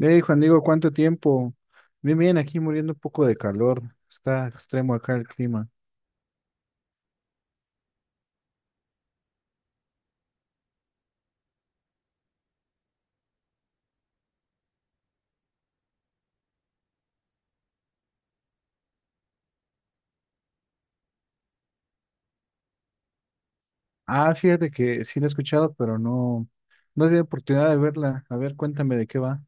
Hey, Juan Diego, ¿cuánto tiempo? Bien, bien, aquí muriendo un poco de calor. Está extremo acá el clima. Ah, fíjate que sí la he escuchado, pero no, no he tenido oportunidad de verla. A ver, cuéntame de qué va.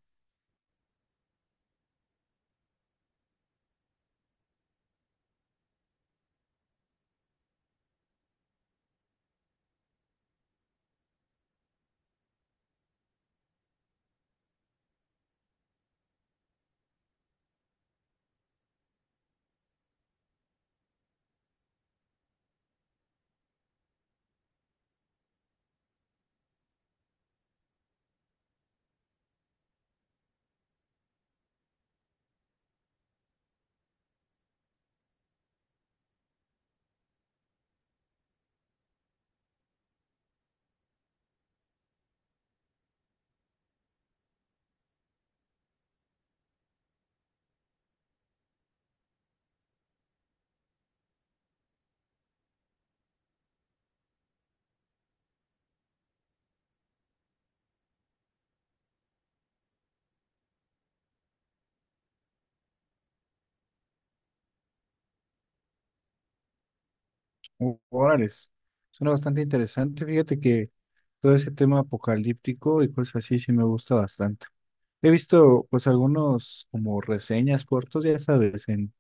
Órales. Suena bastante interesante. Fíjate que todo ese tema apocalíptico y cosas así sí me gusta bastante. He visto pues algunos como reseñas cortos, ya sabes,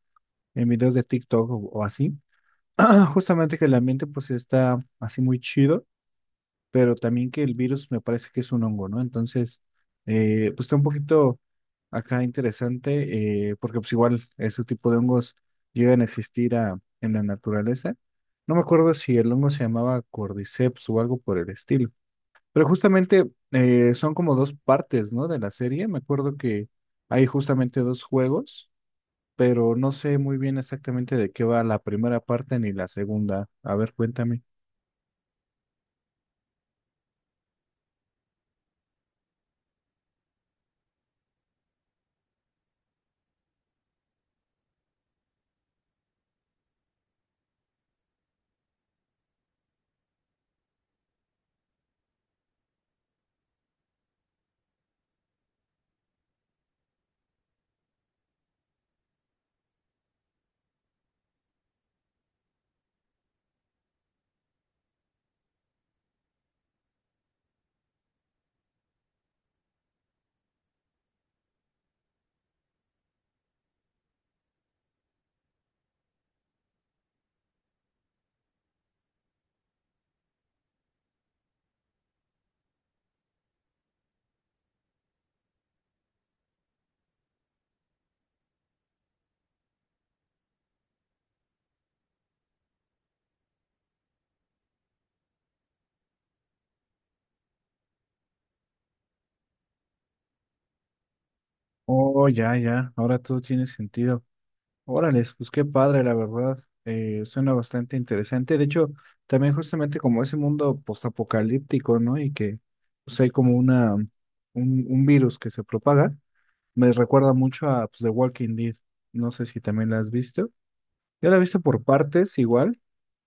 en videos de TikTok o así. Justamente que el ambiente pues está así muy chido, pero también que el virus me parece que es un hongo, ¿no? Entonces, pues está un poquito acá interesante, porque pues igual ese tipo de hongos llegan a existir en la naturaleza. No me acuerdo si el hongo se llamaba Cordyceps o algo por el estilo, pero justamente son como dos partes, ¿no? De la serie. Me acuerdo que hay justamente dos juegos. Pero no sé muy bien exactamente de qué va la primera parte ni la segunda. A ver, cuéntame. Oh, ya, ya, ahora todo tiene sentido. Órales, pues qué padre, la verdad. Suena bastante interesante. De hecho, también justamente como ese mundo postapocalíptico, ¿no? Y que pues hay como un virus que se propaga, me recuerda mucho a pues, The Walking Dead. No sé si también la has visto. Yo la he visto por partes igual,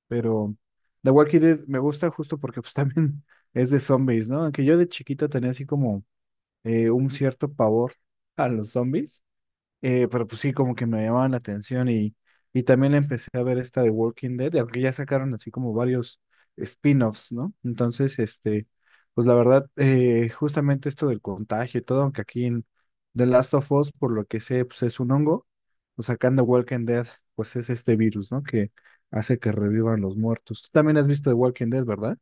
pero The Walking Dead me gusta justo porque pues también es de zombies, ¿no? Aunque yo de chiquito tenía así como un cierto pavor a los zombies, pero pues sí, como que me llamaban la atención, y también empecé a ver esta de Walking Dead, y aunque ya sacaron así como varios spin-offs, ¿no? Entonces, este, pues la verdad, justamente esto del contagio y todo, aunque aquí en The Last of Us, por lo que sé, pues es un hongo, pues sacando Walking Dead, pues es este virus, ¿no? Que hace que revivan los muertos. Tú también has visto The Walking Dead, ¿verdad?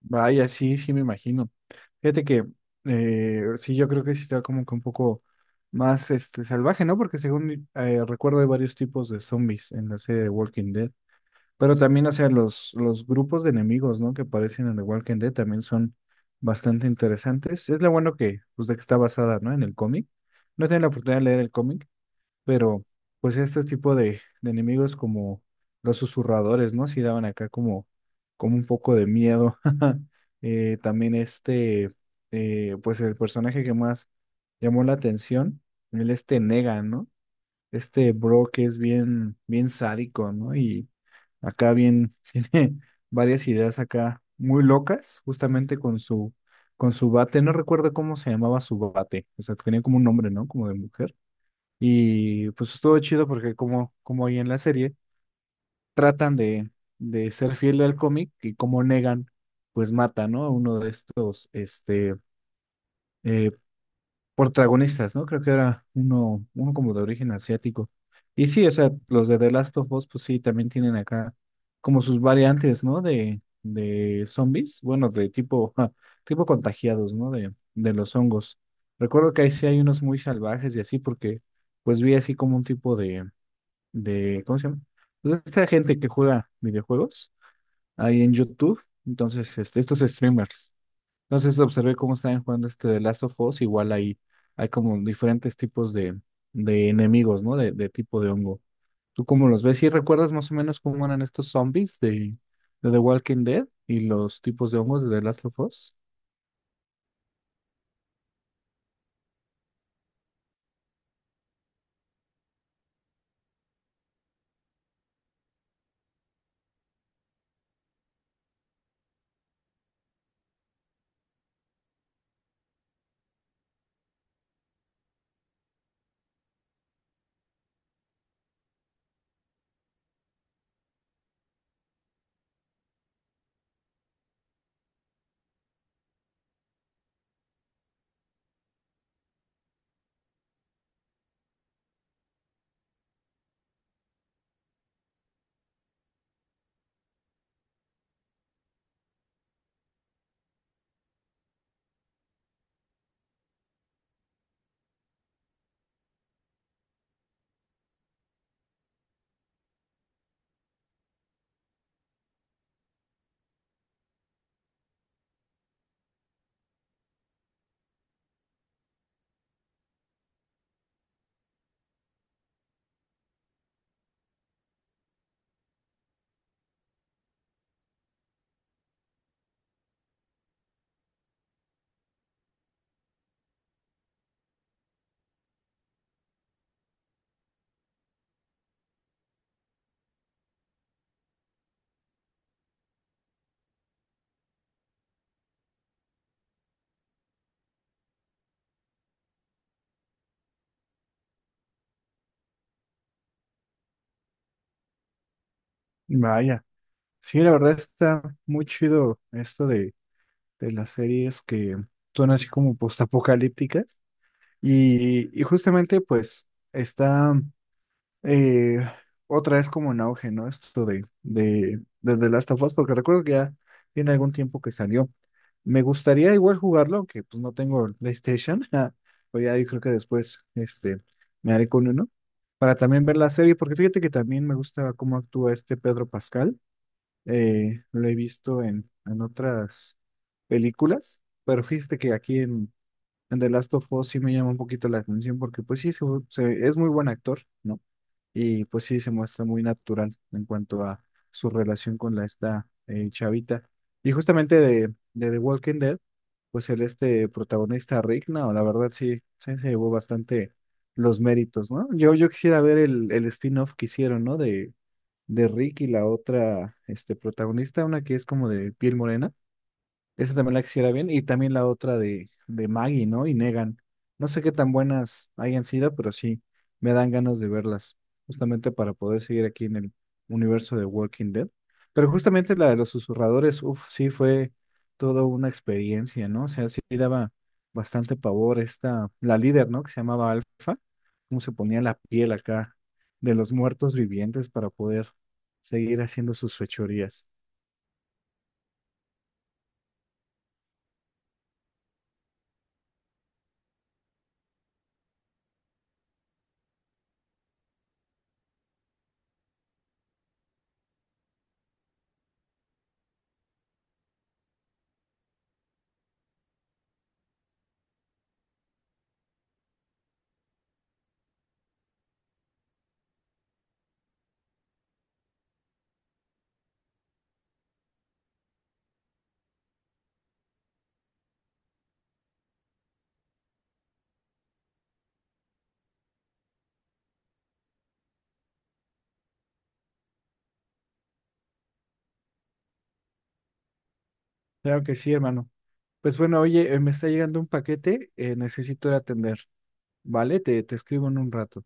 Vaya, sí, sí me imagino. Fíjate que sí, yo creo que sí está como que un poco más este, salvaje, ¿no? Porque según recuerdo hay varios tipos de zombies en la serie de Walking Dead. Pero también, o sea, los grupos de enemigos, ¿no? Que aparecen en The Walking Dead también son bastante interesantes. Es lo bueno que, pues, de que está basada, ¿no? En el cómic. No he tenido la oportunidad de leer el cómic, pero pues este tipo de enemigos como los susurradores, ¿no? Sí daban acá como, como un poco de miedo. También este, pues el personaje que más llamó la atención, el este Negan, ¿no? Este bro que es bien, bien sádico, ¿no? Y acá bien, tiene varias ideas acá muy locas, justamente con con su bate. No recuerdo cómo se llamaba su bate, o sea, tenía como un nombre, ¿no? Como de mujer, y pues estuvo chido porque como, como ahí en la serie tratan de ser fiel al cómic y como Negan pues mata, ¿no? A uno de estos este, eh, protagonistas, ¿no? Creo que era uno como de origen asiático. Y sí, o sea, los de The Last of Us pues sí, también tienen acá como sus variantes, ¿no? De zombies, bueno, de tipo, ja, tipo contagiados, ¿no? De los hongos. Recuerdo que ahí sí hay unos muy salvajes y así porque pues vi así como un tipo de, ¿cómo se llama? Pues esta gente que juega videojuegos ahí en YouTube, entonces este, estos streamers. Entonces observé cómo estaban jugando este de Last of Us, igual ahí hay como diferentes tipos de enemigos, ¿no? De tipo de hongo. ¿Tú cómo los ves? ¿Y recuerdas más o menos cómo eran estos zombies de The Walking Dead y los tipos de hongos de The Last of Us? Vaya, sí, la verdad está muy chido esto de las series que son así como postapocalípticas. Y justamente pues está eh, otra vez como en auge, ¿no? Esto de The Last of Us, porque recuerdo que ya tiene algún tiempo que salió. Me gustaría igual jugarlo, aunque pues no tengo el PlayStation. ja, pues ya yo creo que después este, me haré con uno. Para también ver la serie, porque fíjate que también me gusta cómo actúa este Pedro Pascal. Eh, lo he visto en otras películas, pero fíjate que aquí en The Last of Us sí me llama un poquito la atención porque pues sí, es muy buen actor, ¿no? Y pues sí, se muestra muy natural en cuanto a su relación con la esta chavita. Y justamente de The Walking Dead, pues el este protagonista Rick, no, la verdad sí, sí se llevó bastante los méritos, ¿no? Yo quisiera ver el spin-off que hicieron, ¿no? De Rick y la otra este, protagonista, una que es como de piel morena. Esa también la quisiera bien. Y también la otra de Maggie, ¿no? Y Negan. No sé qué tan buenas hayan sido, pero sí me dan ganas de verlas, justamente para poder seguir aquí en el universo de Walking Dead. Pero justamente la de los susurradores, uff, sí fue toda una experiencia, ¿no? O sea, sí daba bastante pavor esta, la líder, ¿no? Que se llamaba Alfa, cómo se ponía la piel acá de los muertos vivientes para poder seguir haciendo sus fechorías. Claro que sí, hermano. Pues bueno, oye, me está llegando un paquete, necesito ir a atender, ¿vale? Te escribo en un rato.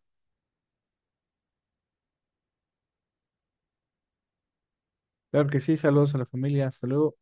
Claro que sí, saludos a la familia, hasta luego.